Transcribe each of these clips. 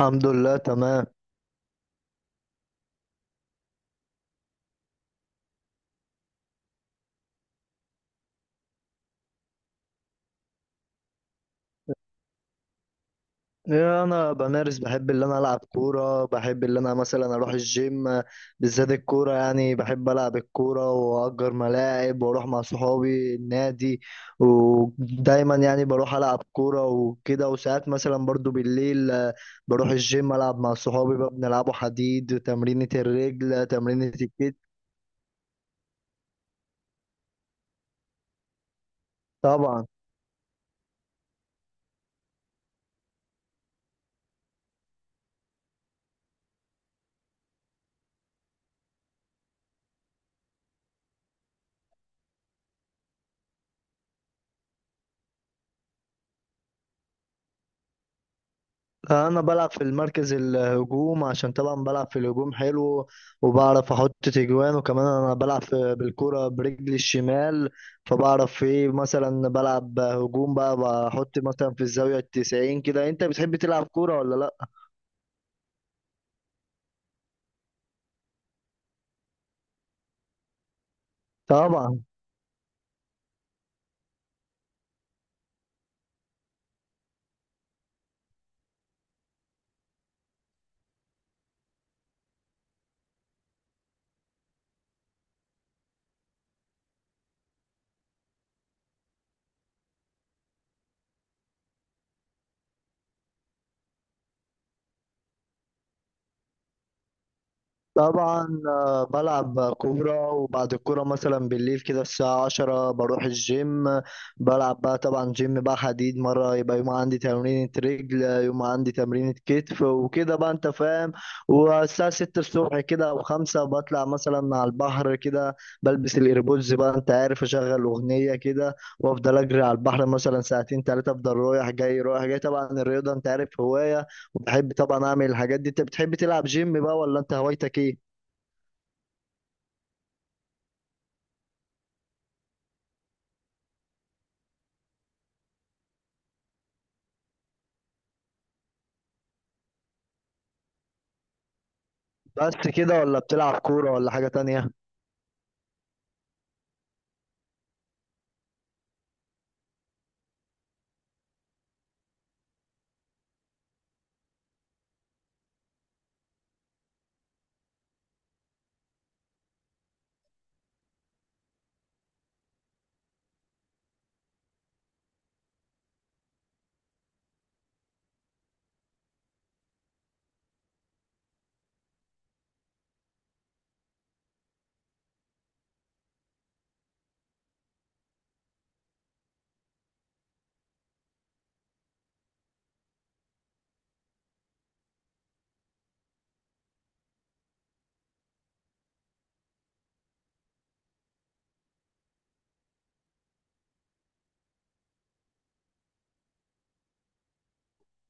الحمد لله تمام. انا بحب اللي انا العب كوره بحب اللي انا مثلا اروح الجيم، بالذات الكوره. يعني بحب العب الكوره واجر ملاعب واروح مع صحابي النادي، ودايما يعني بروح العب كوره وكده، وساعات مثلا برضو بالليل بروح الجيم، العب مع صحابي بقى، بنلعبوا حديد، تمرينة الرجل، تمرينة الكتف. طبعا انا بلعب في المركز الهجوم، عشان طبعا بلعب في الهجوم حلو وبعرف احط تجوان، وكمان انا بلعب بالكرة برجلي الشمال، فبعرف ايه مثلا بلعب هجوم بقى، بحط مثلا في الزاوية الـ90 كده. انت بتحب تلعب كورة ولا لا؟ طبعا. طبعا بلعب كورة، وبعد الكورة مثلا بالليل كده الساعة 10 بروح الجيم، بلعب بقى طبعا جيم بقى حديد، مرة يبقى يوم عندي تمرينة رجل، يوم عندي تمرينة كتف وكده بقى، انت فاهم. والساعة 6 الصبح كده أو 5 بطلع مثلا على البحر كده، بلبس الإيربودز بقى، انت عارف، أشغل أغنية كده وأفضل أجري على البحر مثلا 2 3 ساعات، أفضل رايح جاي رايح جاي. طبعا الرياضة انت عارف هواية، وبحب طبعا أعمل الحاجات دي. انت بتحب تلعب جيم بقى ولا انت هوايتك ايه؟ بس كده ولا بتلعب كورة ولا حاجة تانية؟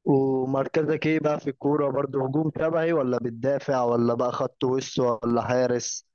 ومركزك ايه بقى في الكورة؟ برضو هجوم شبهي ولا بتدافع ولا بقى خط وش ولا حارس؟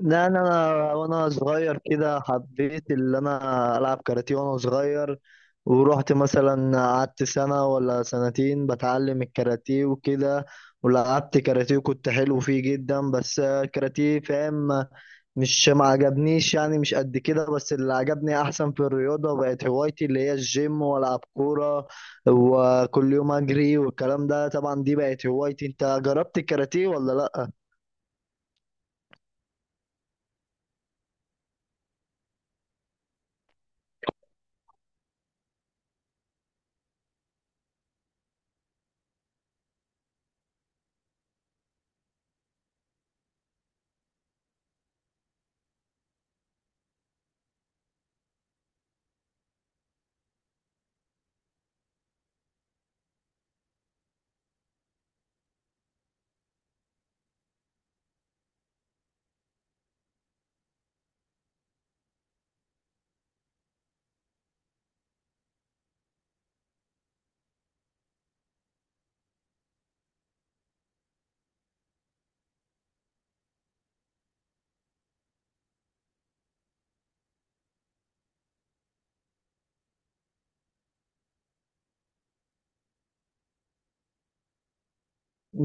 لا انا، وانا صغير كده حبيت اللي انا العب كاراتيه وانا صغير، ورحت مثلا قعدت 1 ولا 2 سنة بتعلم الكاراتيه وكده، ولعبت كاراتيه وكنت حلو فيه جدا. بس الكاراتيه، فاهم، مش ما عجبنيش يعني، مش قد كده، بس اللي عجبني احسن في الرياضة بقت هوايتي اللي هي الجيم والعب كورة وكل يوم اجري والكلام ده. طبعا دي بقت هوايتي. انت جربت الكاراتيه ولا لا؟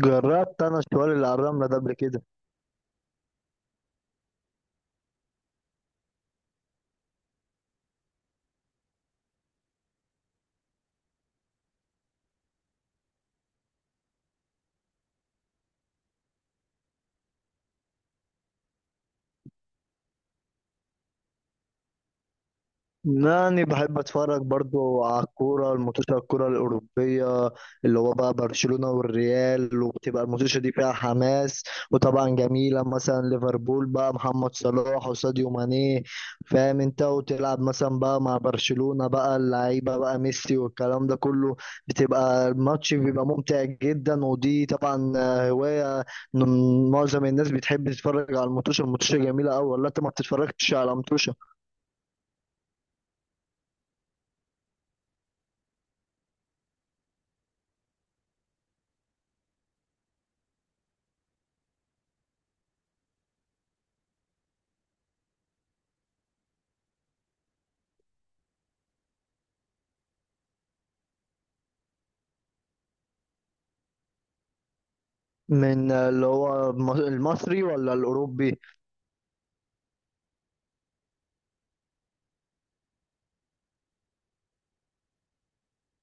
جربت انا شوال العراملة ده قبل كده؟ يعني بحب اتفرج برضو على الكوره، الماتشات الكوره الاوروبيه، اللي هو بقى برشلونه والريال، وبتبقى الماتشات دي فيها حماس وطبعا جميله. مثلا ليفربول بقى محمد صلاح وساديو ماني، فاهم انت، وتلعب مثلا بقى مع برشلونه بقى، اللعيبه بقى ميسي والكلام ده كله، بتبقى الماتش بيبقى ممتع جدا. ودي طبعا هوايه إن معظم الناس بتحب تتفرج على الماتش. الماتش جميله قوي، ولا انت ما بتتفرجش على ماتش؟ من اللي هو المصري ولا الأوروبي؟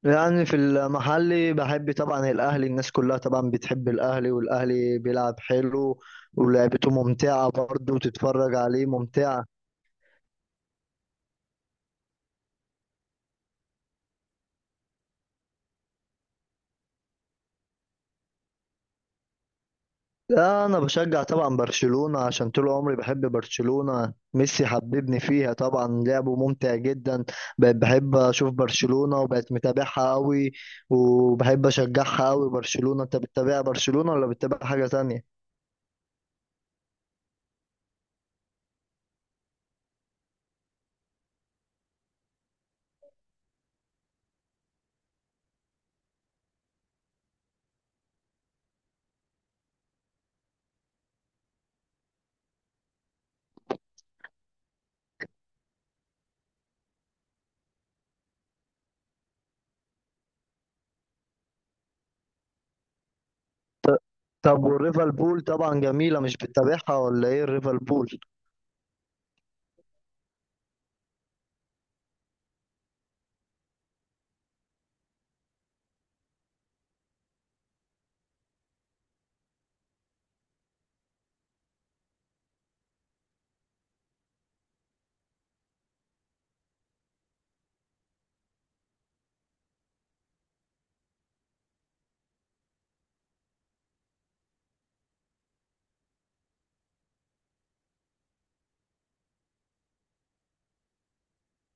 يعني في المحلي بحب طبعا الأهلي، الناس كلها طبعا بتحب الأهلي، والأهلي بيلعب حلو ولعبته ممتعة برضه وتتفرج عليه ممتعة. لا، أنا بشجع طبعا برشلونة، عشان طول عمري بحب برشلونة، ميسي حببني فيها، طبعا لعبه ممتع جدا، بقيت بحب أشوف برشلونة وبقيت متابعها قوي وبحب أشجعها قوي برشلونة. أنت بتتابع برشلونة ولا بتتابع حاجة تانية؟ طب والريفر بول؟ طبعا جميلة، مش بتتابعها ولا ايه الريفر بول؟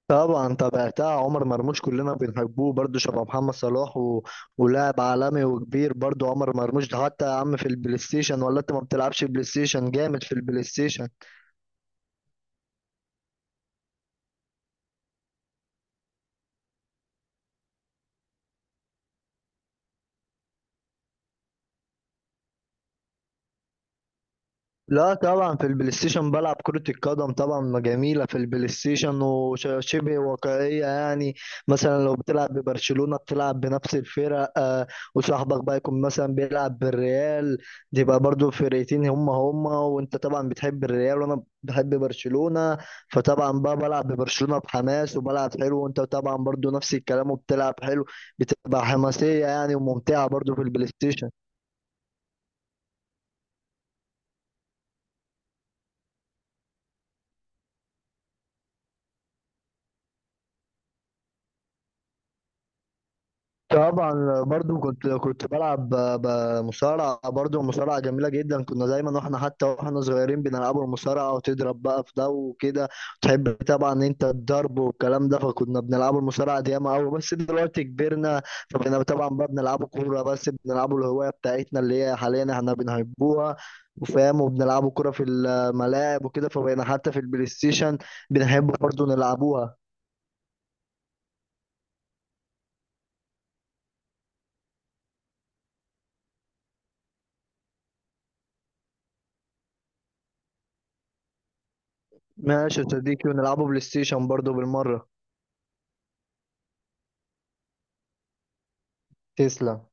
طبعا تابعتها، عمر مرموش كلنا بنحبوه برضو شبه محمد صلاح و... ولاعب عالمي وكبير برضو عمر مرموش ده، حتى يا عم في البلاي ستيشن، ولا انت ما بتلعبش بلاي ستيشن؟ جامد في البلاي ستيشن. لا طبعا، في البلاي ستيشن بلعب كرة القدم، طبعا جميلة في البلاي ستيشن وشبه واقعية يعني. مثلا لو بتلعب ببرشلونة بتلعب بنفس الفرق وصاحبك بقى يكون مثلا بيلعب بالريال، تبقى برضو فرقتين هما هما، وانت طبعا بتحب الريال وانا بحب برشلونة، فطبعا بقى بلعب ببرشلونة بحماس وبلعب حلو، وانت طبعا برضو نفس الكلام وبتلعب حلو، بتبقى حماسية يعني وممتعة برضو في البلاي ستيشن. طبعا برضو كنت بلعب بمصارعة، برضو مصارعة جميلة جدا، كنا دايما واحنا حتى واحنا صغيرين بنلعبوا المصارعة وتضرب بقى في ده وكده، تحب طبعا انت الضرب والكلام ده، فكنا بنلعبوا المصارعة دي ياما قوي. بس دلوقتي كبرنا فبقينا طبعا بقى بنلعبوا كورة بس، بنلعبوا الهواية بتاعتنا اللي هي حاليا احنا بنحبوها وفاهم، وبنلعبوا كورة في الملاعب وكده. فبقينا حتى في البلاي ستيشن بنحب برضو نلعبوها. ماشي يا صديقي، ونلعبوا بلاي ستيشن برضو بالمرة. تسلم.